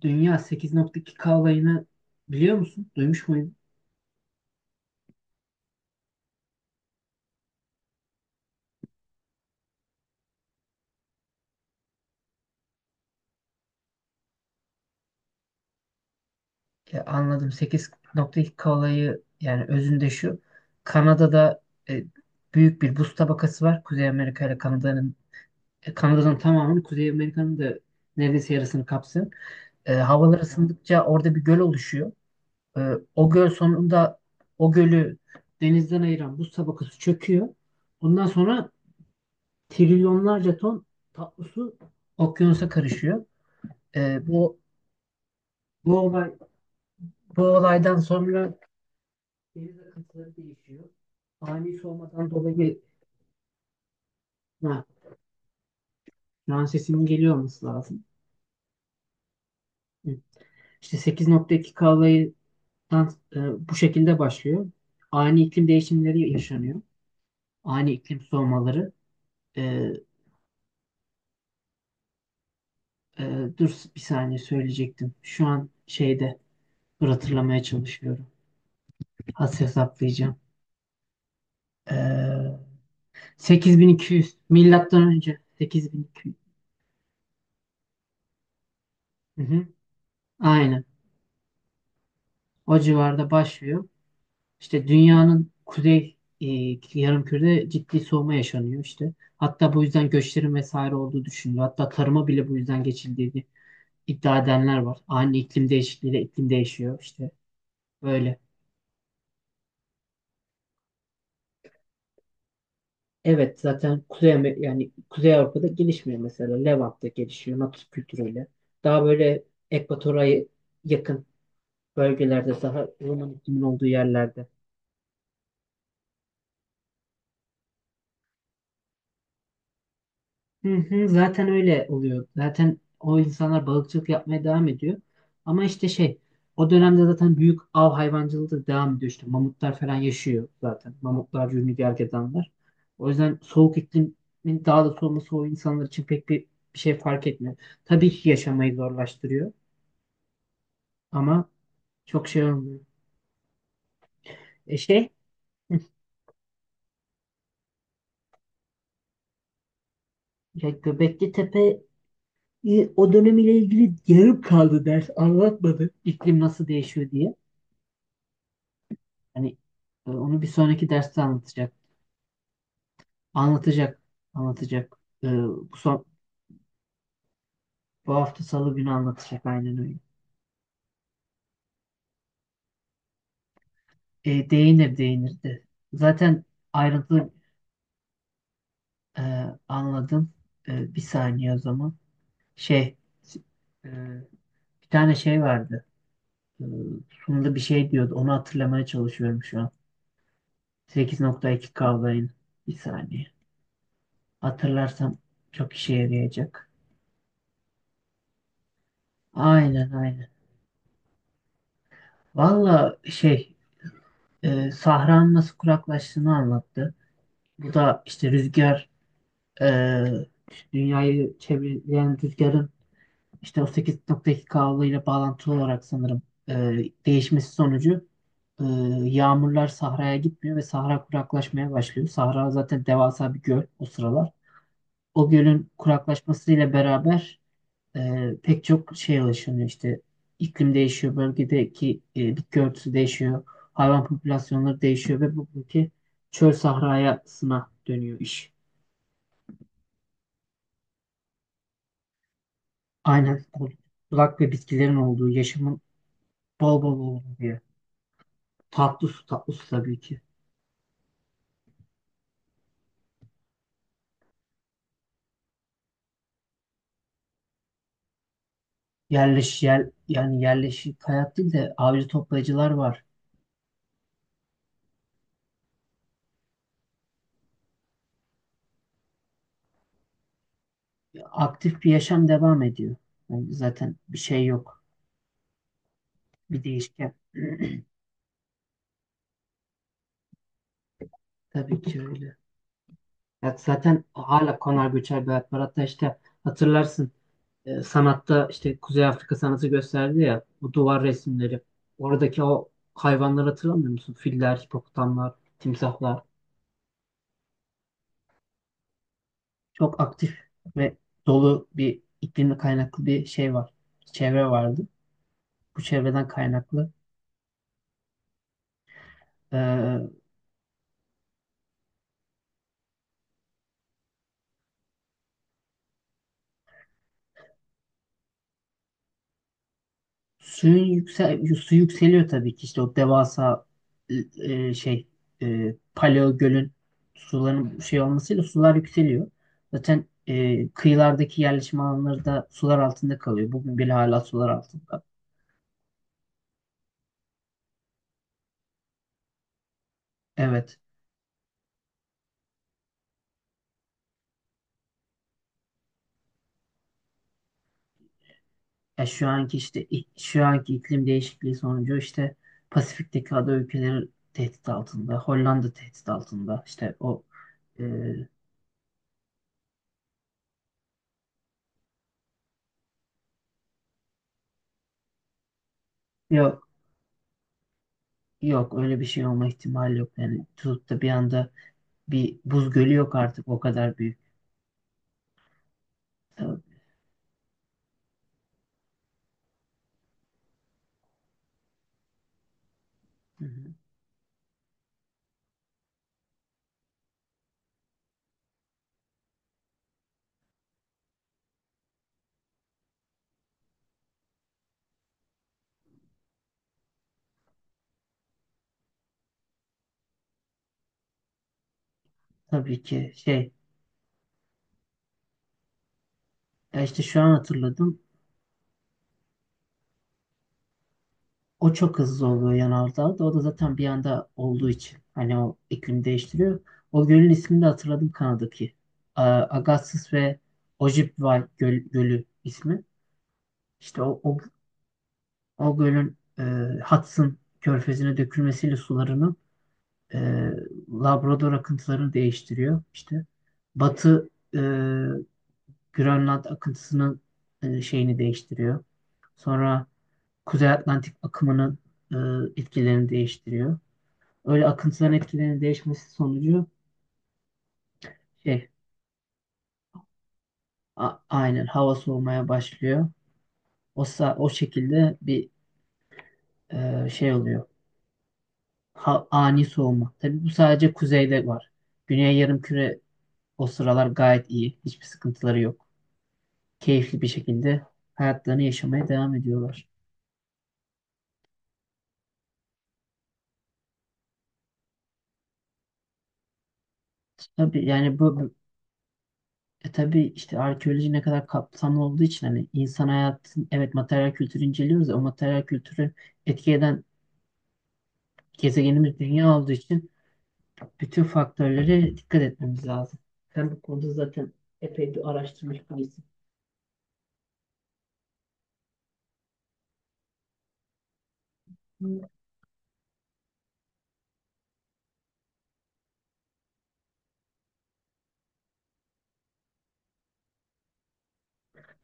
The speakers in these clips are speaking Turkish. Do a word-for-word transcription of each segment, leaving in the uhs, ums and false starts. Dünya sekiz nokta iki ka olayını biliyor musun? Duymuş muydun? E, anladım. sekiz nokta iki kilo olayı yani özünde şu. Kanada'da e, büyük bir buz tabakası var. Kuzey Amerika ile Kanada'nın, E, Kanada'nın tamamını, Kuzey Amerika'nın da neredeyse yarısını kapsıyor. E, havalar ısındıkça orada bir göl oluşuyor. E, o göl sonunda, o gölü denizden ayıran buz tabakası çöküyor. Ondan sonra trilyonlarca ton tatlı su okyanusa karışıyor. E, bu Bu olay, bu olaydan sonra deniz akıntıları değişiyor. Ani soğumadan dolayı. ha, Şu an sesimin geliyor olması lazım. Hı. İşte sekiz nokta iki kalaydan bu şekilde başlıyor. Ani iklim değişimleri yaşanıyor. Ani iklim soğumaları. E, e, Dur bir saniye, söyleyecektim. Şu an şeyde, dur, hatırlamaya çalışıyorum. Az hesaplayacağım. E, sekiz bin iki yüz, milattan önce sekiz bin iki yüz. Hı hı. Aynen. O civarda başlıyor. İşte dünyanın kuzey, e, yarımkürede ciddi soğuma yaşanıyor işte. Hatta bu yüzden göçlerin vesaire olduğu düşünülüyor. Hatta tarıma bile bu yüzden geçildiğini iddia edenler var. Ani iklim değişikliğiyle iklim değişiyor işte böyle. Evet, zaten Kuzey Amer- yani Kuzey Avrupa'da gelişmiyor mesela. Levant'ta gelişiyor, Natus kültürüyle. Daha böyle ekvatora yakın bölgelerde, daha Roman iklimin olduğu yerlerde. Hı hı, zaten öyle oluyor. Zaten o insanlar balıkçılık yapmaya devam ediyor. Ama işte şey, o dönemde zaten büyük av hayvancılığı da devam ediyor. İşte mamutlar falan yaşıyor zaten. Mamutlar, yünlü gergedanlar. O yüzden soğuk iklimin daha da soğuması o insanlar için pek bir, bir şey fark etmiyor. Tabii ki yaşamayı zorlaştırıyor ama çok şey olmuyor. E şey, hı, ya, Göbekli Tepe, o dönemiyle ilgili yarım kaldı, ders anlatmadı. İklim nasıl değişiyor diye. Hani e, onu bir sonraki derste anlatacak. Anlatacak. Anlatacak. E, bu, son, bu hafta Salı günü anlatacak, aynen öyle. E, değinir, değinir de. Zaten ayrıntılı. e, Anladım. E, bir saniye o zaman. Şey e, Bir tane şey vardı. E, Sunumda bir şey diyordu. Onu hatırlamaya çalışıyorum şu an. sekiz nokta iki kavrayın. Bir saniye. Hatırlarsam çok işe yarayacak. Aynen, aynen. Valla şey e, Sahranın nasıl kuraklaştığını anlattı. Bu da işte rüzgar, e, dünyayı çevreleyen rüzgarın, işte o sekiz nokta iki kavga ile bağlantılı olarak sanırım, e, değişmesi sonucu e, yağmurlar sahraya gitmiyor ve sahra kuraklaşmaya başlıyor. Sahra zaten devasa bir göl o sıralar. O gölün kuraklaşmasıyla beraber, e, pek çok şeye ulaşılıyor işte. İklim değişiyor, bölgedeki e, bitki örtüsü değişiyor, hayvan popülasyonları değişiyor ve bugünkü çöl sahrayasına dönüyor iş. Aynen, o bulak ve bitkilerin olduğu, yaşamın bol bol olduğu bir yer. Tatlı su, tatlı su tabii ki. Yerleş, yer, yani yerleşik hayat değil de avcı toplayıcılar var. Aktif bir yaşam devam ediyor. Yani zaten bir şey yok. Bir değişken. Tabii ki öyle. Ya zaten hala konar göçer bir hayat var. Hatta işte hatırlarsın, e, sanatta işte Kuzey Afrika sanatı gösterdi ya, bu duvar resimleri. Oradaki o hayvanları hatırlamıyor musun? Filler, hipopotamlar, timsahlar. Çok aktif ve dolu bir iklimle kaynaklı bir şey var. Çevre vardı. Bu çevreden kaynaklı e, Suyun yüksel Su yükseliyor tabii ki, işte o devasa, e, şey e, paleo gölün suların şey olmasıyla sular yükseliyor. Zaten e, kıyılardaki yerleşim alanları da sular altında kalıyor. Bugün bile hala sular altında. Evet. Ya şu anki işte i- şu anki iklim değişikliği sonucu, işte Pasifik'teki ada ülkeleri tehdit altında. Hollanda tehdit altında. İşte o e, yok, yok öyle bir şey olma ihtimali yok. Yani tutup da bir anda bir buz gölü yok, artık o kadar büyük. Tabii, hı hı. Tabii ki şey ya, işte şu an hatırladım. O çok hızlı oluyor yanardağda. O da zaten bir anda olduğu için hani, o iklim değiştiriyor. O gölün ismini de hatırladım, Kanada'daki. A- Agassiz ve Ojibwa göl, Gölü ismi. İşte o, o, o gölün e, Hudson körfezine dökülmesiyle sularını, e, Labrador akıntılarını değiştiriyor. İşte batı, e, Grönland akıntısının e, şeyini değiştiriyor. Sonra Kuzey Atlantik akımının e, etkilerini değiştiriyor. Öyle akıntıların etkilerinin değişmesi sonucu, şey a- aynen, hava soğumaya başlıyor. O sa- o şekilde bir e, şey oluyor. Ha- ani soğuma. Tabii bu sadece kuzeyde var. Güney yarımküre o sıralar gayet iyi. Hiçbir sıkıntıları yok. Keyifli bir şekilde hayatlarını yaşamaya devam ediyorlar. Tabii yani bu. E tabii, işte arkeoloji ne kadar kapsamlı olduğu için, hani insan hayatın, evet, materyal kültürü inceliyoruz ya, o materyal kültürü etki eden gezegenimiz dünya olduğu için bütün faktörlere dikkat etmemiz lazım. Sen bu konuda zaten epey bir araştırmış birisin.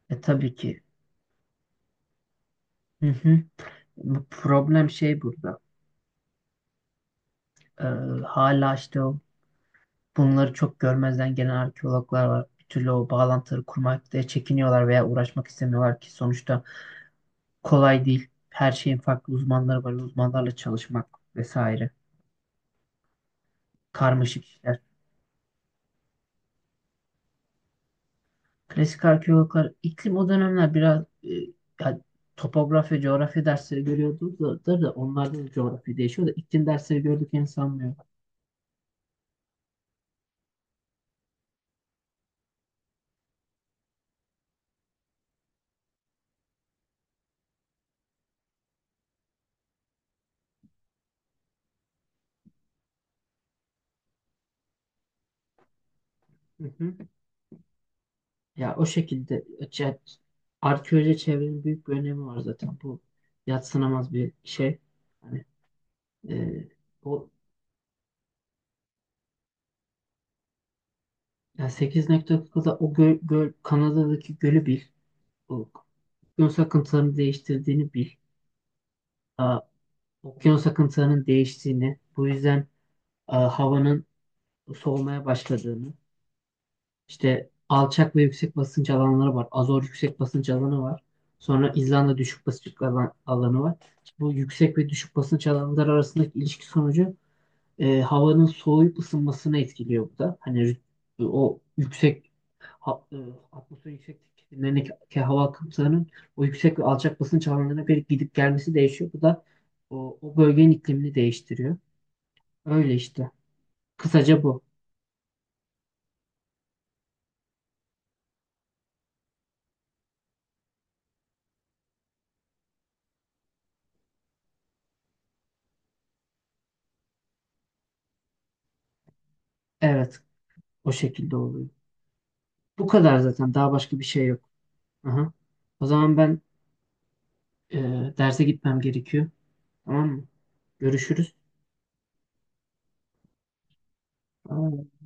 E tabii ki. Hı hı. Bu problem şey burada. Ee, Hala işte o, bunları çok görmezden gelen arkeologlar var. Bir türlü o bağlantıları kurmakta çekiniyorlar veya uğraşmak istemiyorlar ki sonuçta kolay değil. Her şeyin farklı uzmanları var. Uzmanlarla çalışmak vesaire. Karmaşık işler. Klasik arkeologlar, iklim o dönemler biraz, e, ya, topografya, coğrafya dersleri görüyordu, da, da, da onlarda da coğrafya değişiyor da iklim dersleri gördüklerini sanmıyorum. Hı hı. Ya o şekilde ce- Arkeoloji, çevrenin büyük bir önemi var zaten. Bu yadsınamaz bir şey. Hani e, o, yani sekiz nokta dokuzda o göl, göl, Kanada'daki gölü bil. O okyanus akıntılarını değiştirdiğini bil. Aa, okyanus akıntılarının değiştiğini, bu yüzden aa, havanın soğumaya başladığını, işte alçak ve yüksek basınç alanları var. Azor yüksek basınç alanı var. Sonra İzlanda düşük basınç alan- alanı var. Bu yüksek ve düşük basınç alanları arasındaki ilişki sonucu, e, havanın soğuyup ısınmasını etkiliyor bu da. Hani rüt- o yüksek, ha- e, atmosfer yüksekliklerindeki hava akımlarının o yüksek ve alçak basınç havalarına göre gidip gelmesi değişiyor. Bu da o, o bölgenin iklimini değiştiriyor. Öyle işte. Kısaca bu. Evet, o şekilde oluyor. Bu kadar zaten. Daha başka bir şey yok. Aha. O zaman ben e, derse gitmem gerekiyor. Tamam mı? Görüşürüz. Aa.